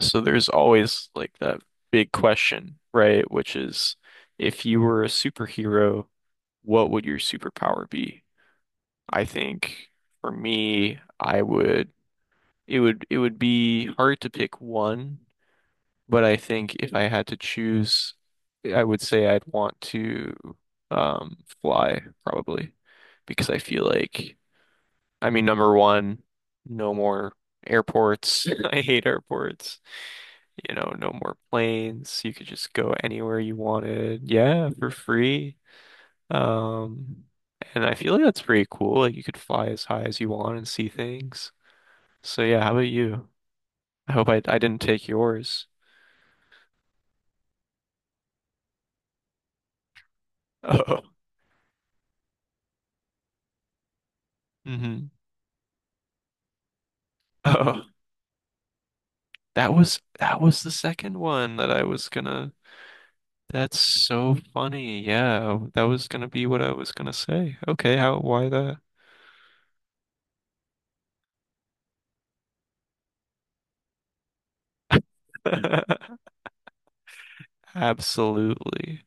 So there's always like that big question, right? Which is if you were a superhero, what would your superpower be? I think for me, I would it would be hard to pick one, but I think if I had to choose, I would say I'd want to fly probably because I feel like I mean number one, no more airports. I hate airports. You know, no more planes. You could just go anywhere you wanted. Yeah, for free. Um, and I feel like that's pretty cool. Like you could fly as high as you want and see things. So yeah, how about you? I hope I didn't take yours. Oh. hmm Oh. That was the second one that I was gonna that's so funny. Yeah, that was gonna be what I was gonna say. Okay, how why that? Absolutely.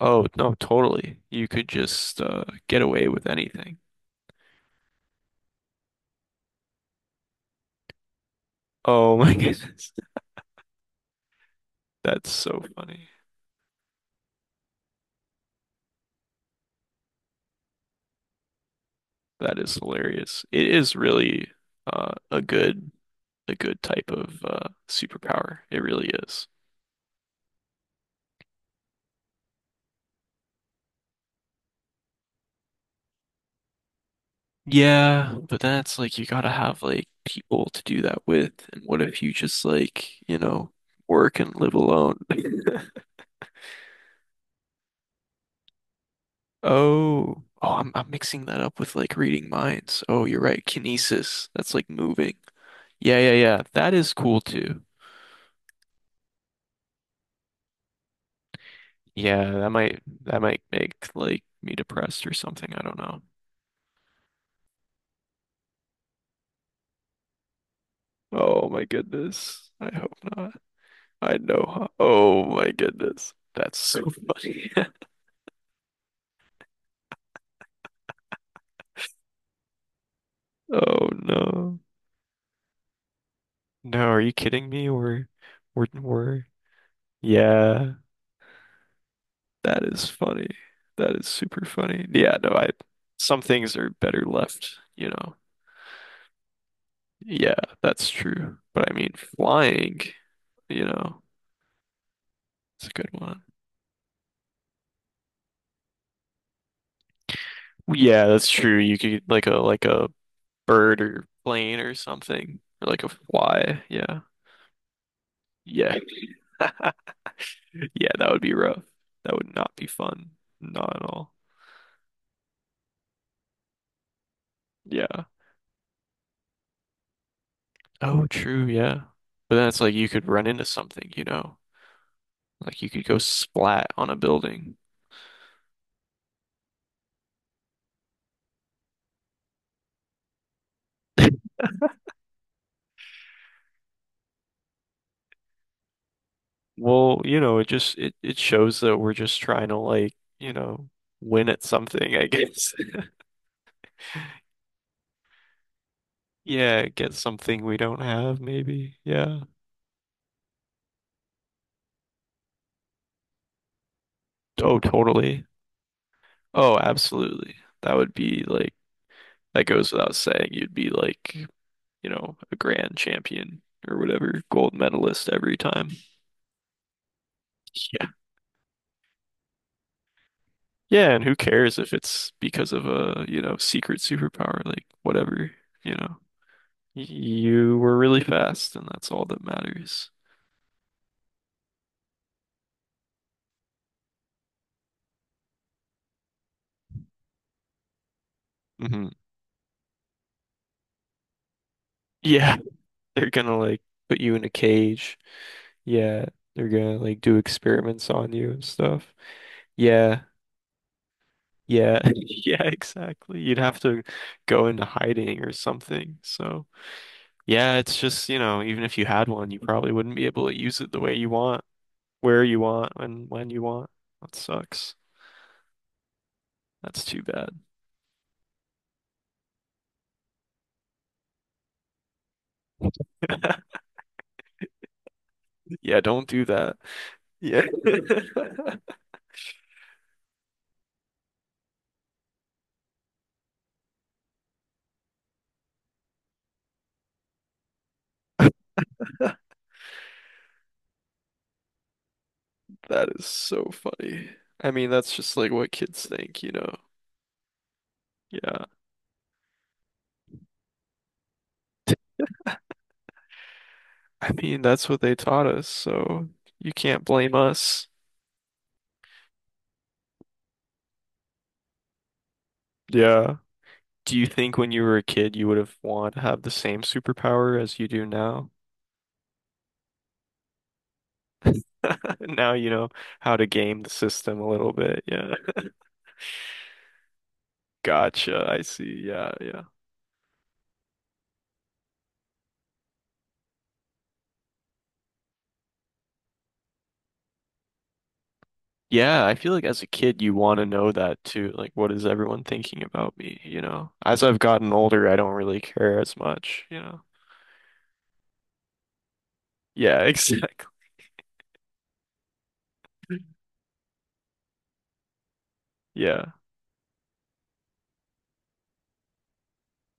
Oh, no, totally. You could just get away with anything. Oh my goodness. That's so funny. That is hilarious. It is really uh, a good a good type of superpower. It really is. Yeah, but then it's like you gotta have like people to do that with. And what if you just like, you know, work and live alone? Oh, oh, I'm mixing that up with like reading minds. Oh, you're right. Kinesis. That's like moving. Yeah, yeah, yeah. That is cool too. Yeah, that might make like me depressed or something. I don't know. Oh my goodness. I hope not. I know. How- Oh my goodness. That's so funny. Oh no. No, are you kidding me? We're yeah. That is funny. That is super funny. Yeah, no, I some things are better left, you know. Yeah, that's true. But I mean flying, you know, it's a good one. Yeah, that's true. You could like a bird or plane or something, or like a fly. Yeah, yeah, yeah. That would be rough. That would not be fun. Not at all. Yeah. Oh, true. Yeah. But then it's like you could run into something, you know, like you could go splat on a building. Well, you know, it just it shows that we're just trying to like, you know, win at something, I guess. Yeah, get something we don't have, maybe. Yeah. Oh, totally. Oh, absolutely. That would be like that goes without saying. You'd be like, you know, a grand champion or whatever, gold medalist every time. Yeah. Yeah, and who cares if it's because of a, you know, secret superpower, like whatever, you know. Y- You were really fast and that's all that matters. Hmm Yeah, they're gonna like put you in a cage. Yeah, they're gonna like do experiments on you and stuff. Yeah. Yeah, yeah, exactly. You'd have to go into hiding or something. So, yeah, it's just, you know, even if you had one, you probably wouldn't be able to use it the way you want, where you want, and when you want. That sucks. That's too bad. Yeah, don't do that. Yeah. That is so funny. I mean, that's just like what kids think, you know. Yeah. I mean, that's what they taught us, so you can't blame us. Yeah. Do you think when you were a kid you would have wanted to have the same superpower as you do now? Now you know how to game the system a little bit. Yeah. Gotcha. I see. Yeah, yeah. Yeah, I feel like as a kid you want to know that too. Like what is everyone thinking about me, you know? As I've gotten older, I don't really care as much, you know. Yeah, exactly. Yeah.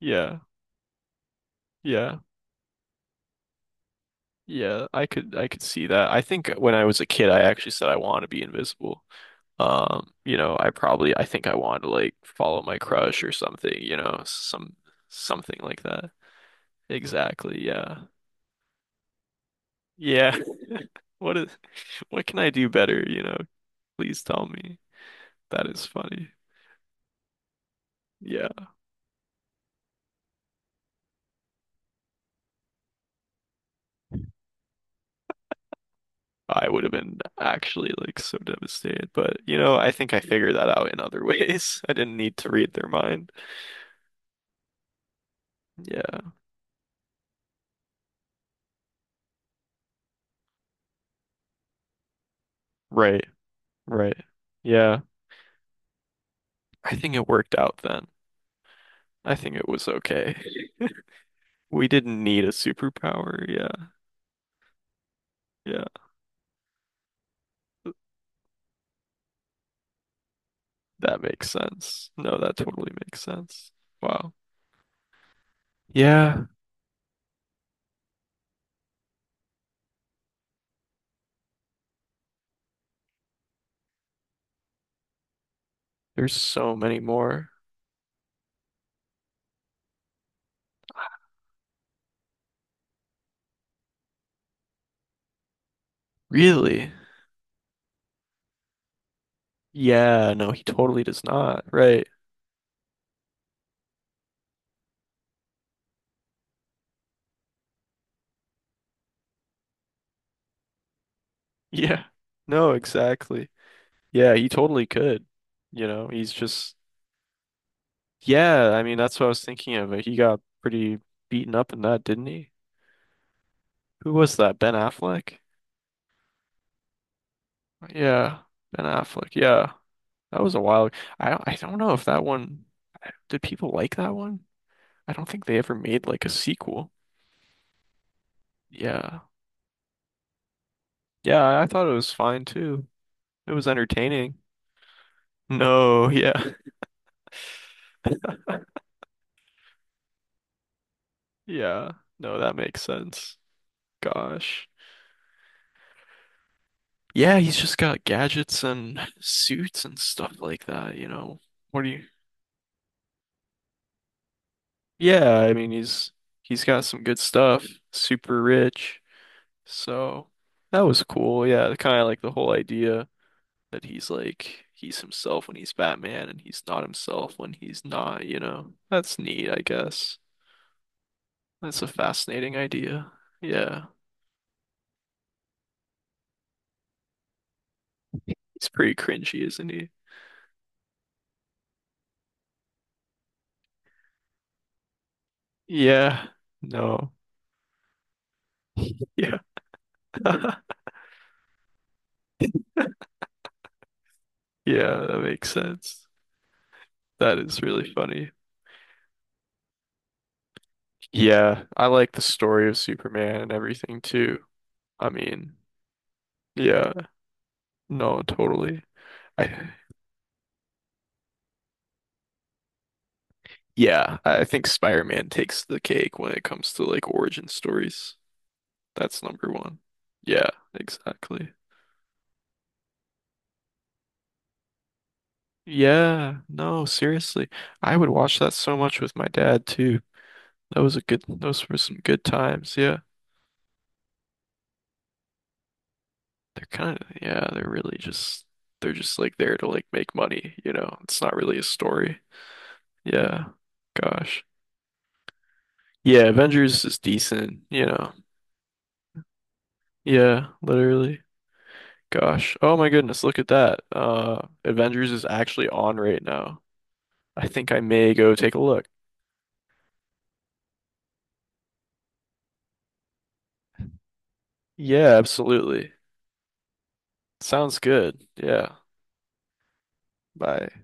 Yeah. Yeah. Yeah. I could see that. I think when I was a kid, I actually said I want to be invisible. You know, I probably I think I want to like follow my crush or something, you know, some something like that. Exactly, yeah. Yeah. What is what can I do better, you know? Please tell me. That is funny. Yeah. I would have been actually like so devastated, but you know, I think I figured that out in other ways. I didn't need to read their mind. Yeah. Right. Right. Yeah. I think it worked out then. I think it was okay. We didn't need a superpower. Yeah. Yeah. That makes sense. No, that totally makes sense. Wow. Yeah, there's so many more. Really? Yeah, no, he totally does not. Right. Yeah. No, exactly. Yeah, he totally could. You know, he's just, yeah, I mean, that's what I was thinking of. Like, he got pretty beaten up in that, didn't he? Who was that? Ben Affleck? Yeah, Ben Affleck. Yeah, that was a while. I don't know if that one, did people like that one? I don't think they ever made like a sequel. Yeah. Yeah, I thought it was fine too. It was entertaining. No, yeah. Yeah. No, that makes sense. Gosh. Yeah, he's just got gadgets and suits and stuff like that, you know. What do you Yeah, I mean he's got some good stuff, super rich. So that was cool. Yeah, kind of like the whole idea that he's like he's himself when he's Batman and he's not himself when he's not, you know. That's neat, I guess. That's a fascinating idea. Yeah. He's pretty cringy, isn't he? Yeah. No. Yeah. Yeah, that makes sense. That is really funny. Yeah, I like the story of Superman and everything too. I mean, yeah, no, totally. I yeah, I think Spider-Man takes the cake when it comes to like origin stories. That's number one. Yeah, exactly. Yeah, no, seriously. I would watch that so much with my dad too. That was a good, those were some good times. Yeah. They're kind of, yeah, they're really just, they're just like there to like make money, you know? It's not really a story. Yeah. Gosh. Yeah. Avengers is decent, you know? Yeah. Literally. Gosh. Oh my goodness. Look at that. Avengers is actually on right now. I think I may go take a look. Yeah, absolutely. Sounds good. Yeah. Bye.